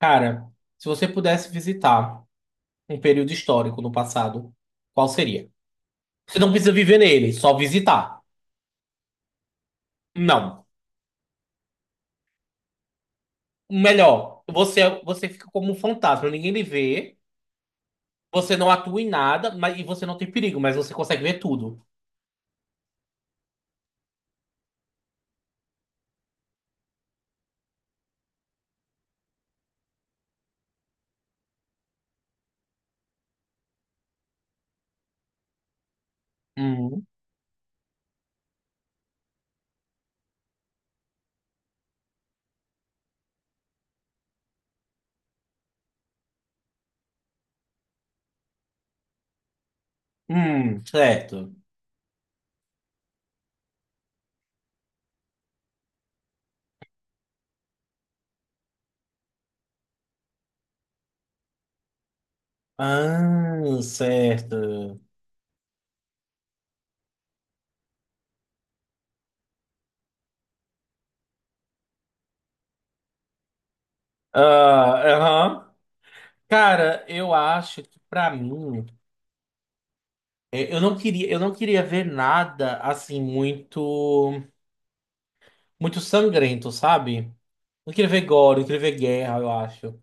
Cara, se você pudesse visitar um período histórico no passado, qual seria? Você não precisa viver nele, só visitar. Não. Melhor, você fica como um fantasma, ninguém lhe vê, você não atua em nada, mas e você não tem perigo, mas você consegue ver tudo. Hum, certo. Ah, certo. Ah, aham. Cara, eu acho que pra mim, eu não queria, eu não queria ver nada assim muito sangrento, sabe? Não queria ver gore, não queria ver guerra, eu acho.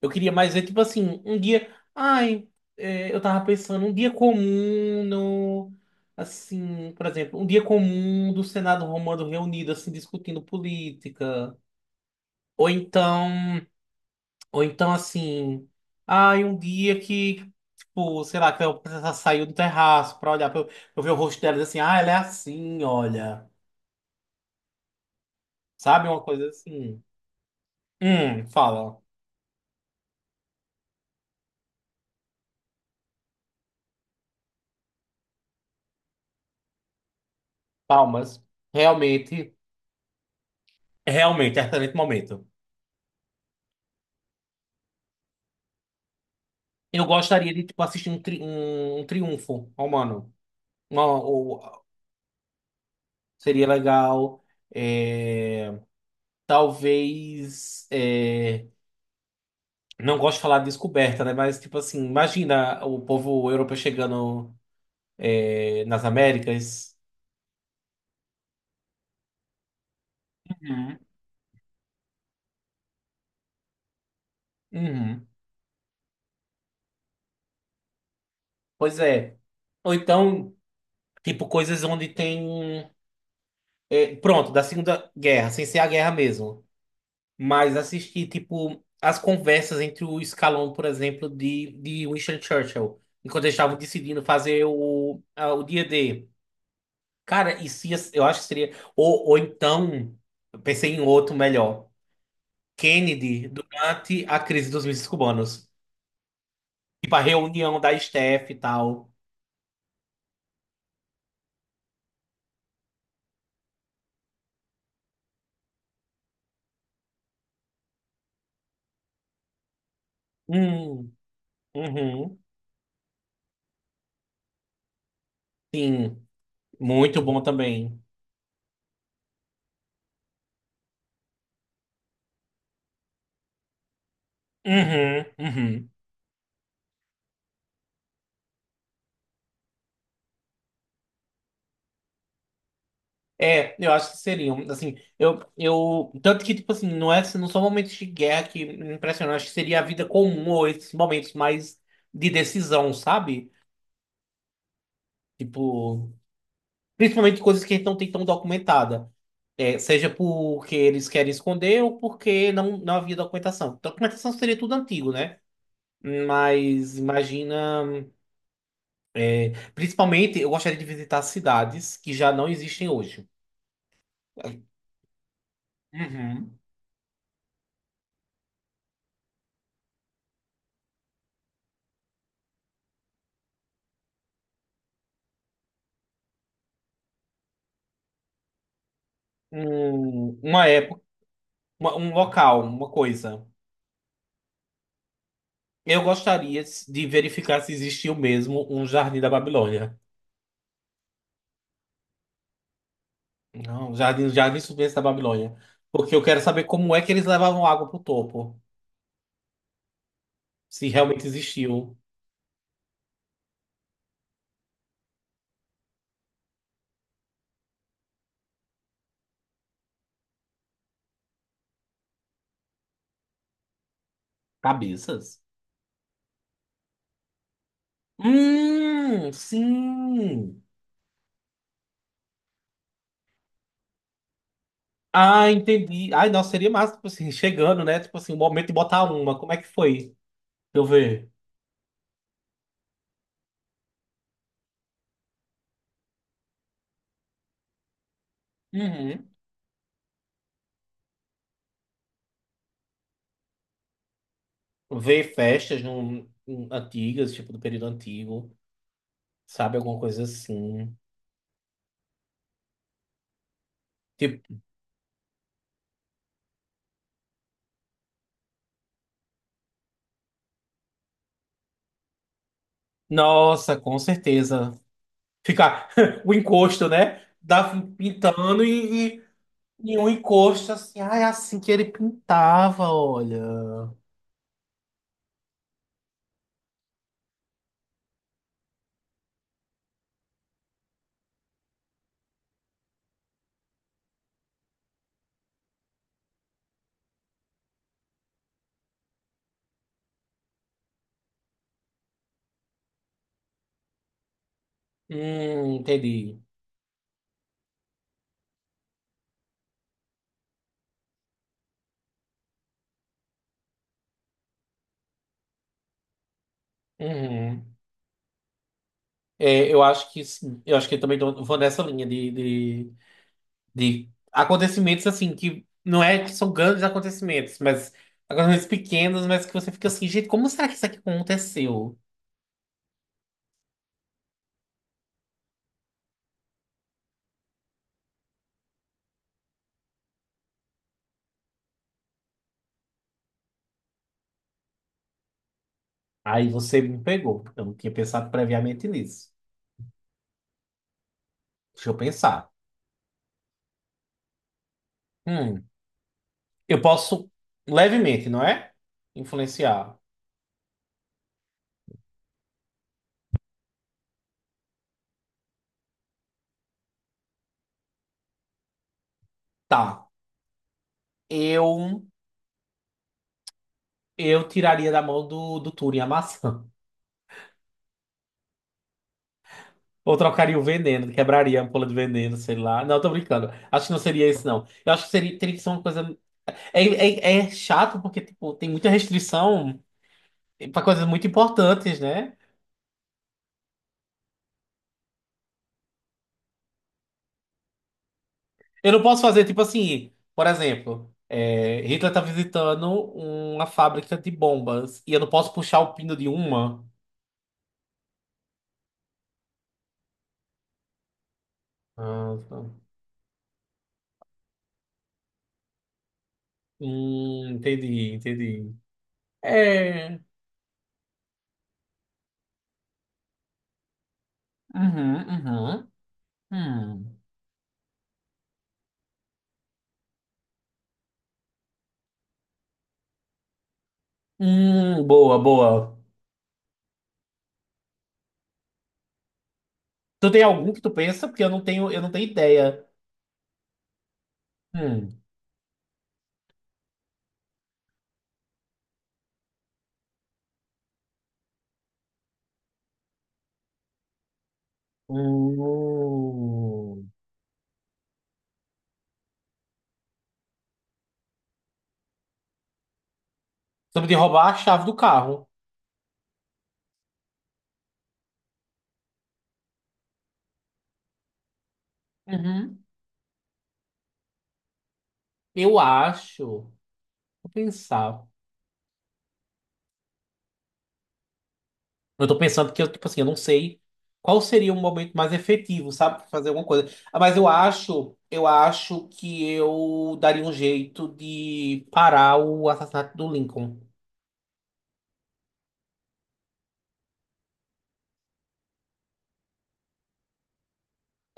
Eu queria mais ver, tipo assim, um dia. Ai, é, eu tava pensando, um dia comum no. Assim, por exemplo, um dia comum do Senado Romano reunido, assim, discutindo política. Ou então, ou então assim, ai, um dia que, tipo, sei lá, que a princesa saiu do terraço pra olhar, pra eu ver o rosto dela e dizer assim, ah, ela é assim, olha. Sabe? Uma coisa assim. Fala. Palmas. Realmente, realmente, é excelente momento. Eu gostaria de, tipo, assistir um triunfo romano. Uma, ou- seria legal. É, talvez. É, não gosto de falar de descoberta, né? Mas, tipo assim, imagina o povo europeu chegando, é, nas Américas. Uhum. Uhum. Pois é. Ou então, tipo, coisas onde tem. É, pronto, da Segunda Guerra, sem ser a guerra mesmo. Mas assisti, tipo, as conversas entre o Scaloni, por exemplo, de Winston Churchill, enquanto eles estavam decidindo fazer o dia D. Cara, e se, eu acho que seria. Ou então, eu pensei em outro melhor: Kennedy, durante a crise dos mísseis cubanos. Tipo, a reunião da STF e tal. Hum, uhum, sim, muito bom também. Uhum, uhum. É, eu acho que seriam, assim, tanto que, tipo assim, não é, não são momentos de guerra que me impressionam, acho que seria a vida comum ou esses momentos mais de decisão, sabe? Tipo, principalmente coisas que a gente não tem tão documentada. É, seja porque eles querem esconder ou porque não, não havia documentação. Documentação seria tudo antigo, né? Mas imagina, é, principalmente eu gostaria de visitar cidades que já não existem hoje. Uhum. Um- uma época. Uma- um local, uma coisa. Eu gostaria de verificar se existiu mesmo um jardim da Babilônia. Não, um jardim suspenso da Babilônia. Porque eu quero saber como é que eles levavam água pro topo. Se realmente existiu. Cabeças? Sim. Ah, entendi. Ai, nossa, seria massa, tipo assim, chegando, né? Tipo assim, o momento de botar uma. Como é que foi? Pra eu ver. Uhum. Ver festas antigas, tipo do período antigo, sabe? Alguma coisa assim. Tipo, nossa, com certeza. Ficar o encosto, né? Da, pintando e um encosto assim. Ah, é assim que ele pintava, olha. Entendi. Uhum. É, eu acho que sim. Eu acho que eu também tô- vou nessa linha de acontecimentos assim, que não é que são grandes acontecimentos, mas acontecimentos pequenos, mas que você fica assim, gente, como será que isso aqui aconteceu? Aí você me pegou. Eu não tinha pensado previamente nisso. Deixa eu pensar. Hum. Eu posso levemente, não é? Influenciar. Tá. Eu eu tiraria da mão do Turing a maçã. Ou trocaria o veneno, quebraria a ampola de veneno, sei lá. Não, tô brincando. Acho que não seria isso, não. Eu acho que seria, teria que ser uma coisa. É chato porque, tipo, tem muita restrição pra coisas muito importantes, né? Eu não posso fazer, tipo assim, por exemplo, é, Hitler tá visitando uma fábrica de bombas e eu não posso puxar o pino de uma. Ah, tá. Entendi, entendi. É. Uhum, uhum, hum. Boa, boa. Tu tem algum que tu pensa? Porque eu não tenho ideia. Hum. Hum. Sobre de roubar a chave do carro. Uhum. Eu acho. Vou pensar. Eu tô pensando que eu, tipo assim, eu não sei qual seria o momento mais efetivo, sabe? Pra fazer alguma coisa. Ah, mas eu acho que eu daria um jeito de parar o assassinato do Lincoln.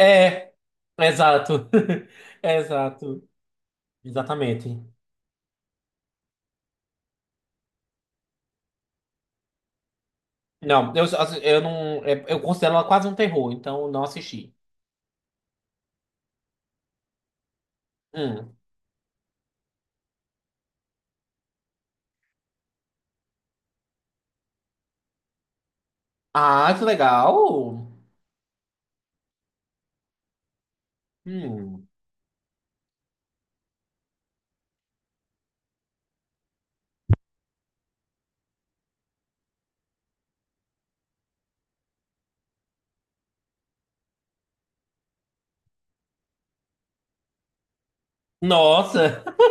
É, exato. Exato. Exatamente. Não, eu, assim, eu não. É, eu considero ela quase um terror, então não assisti. Hum. Ah, que legal! Hum. Nossa!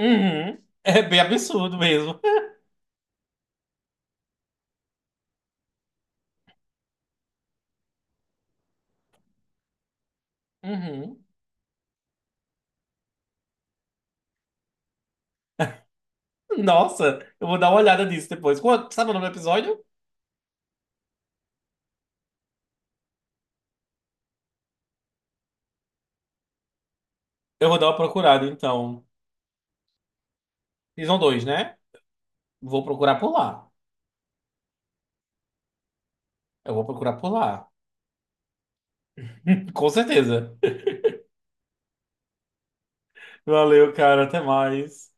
Uhum. É bem absurdo mesmo. Uhum. Nossa, eu vou dar uma olhada nisso depois. Qual- Sabe o nome do episódio? Eu vou dar uma procurada, então. Season 2, né? Vou procurar por lá. Eu vou procurar por lá. Com certeza. Valeu, cara. Até mais.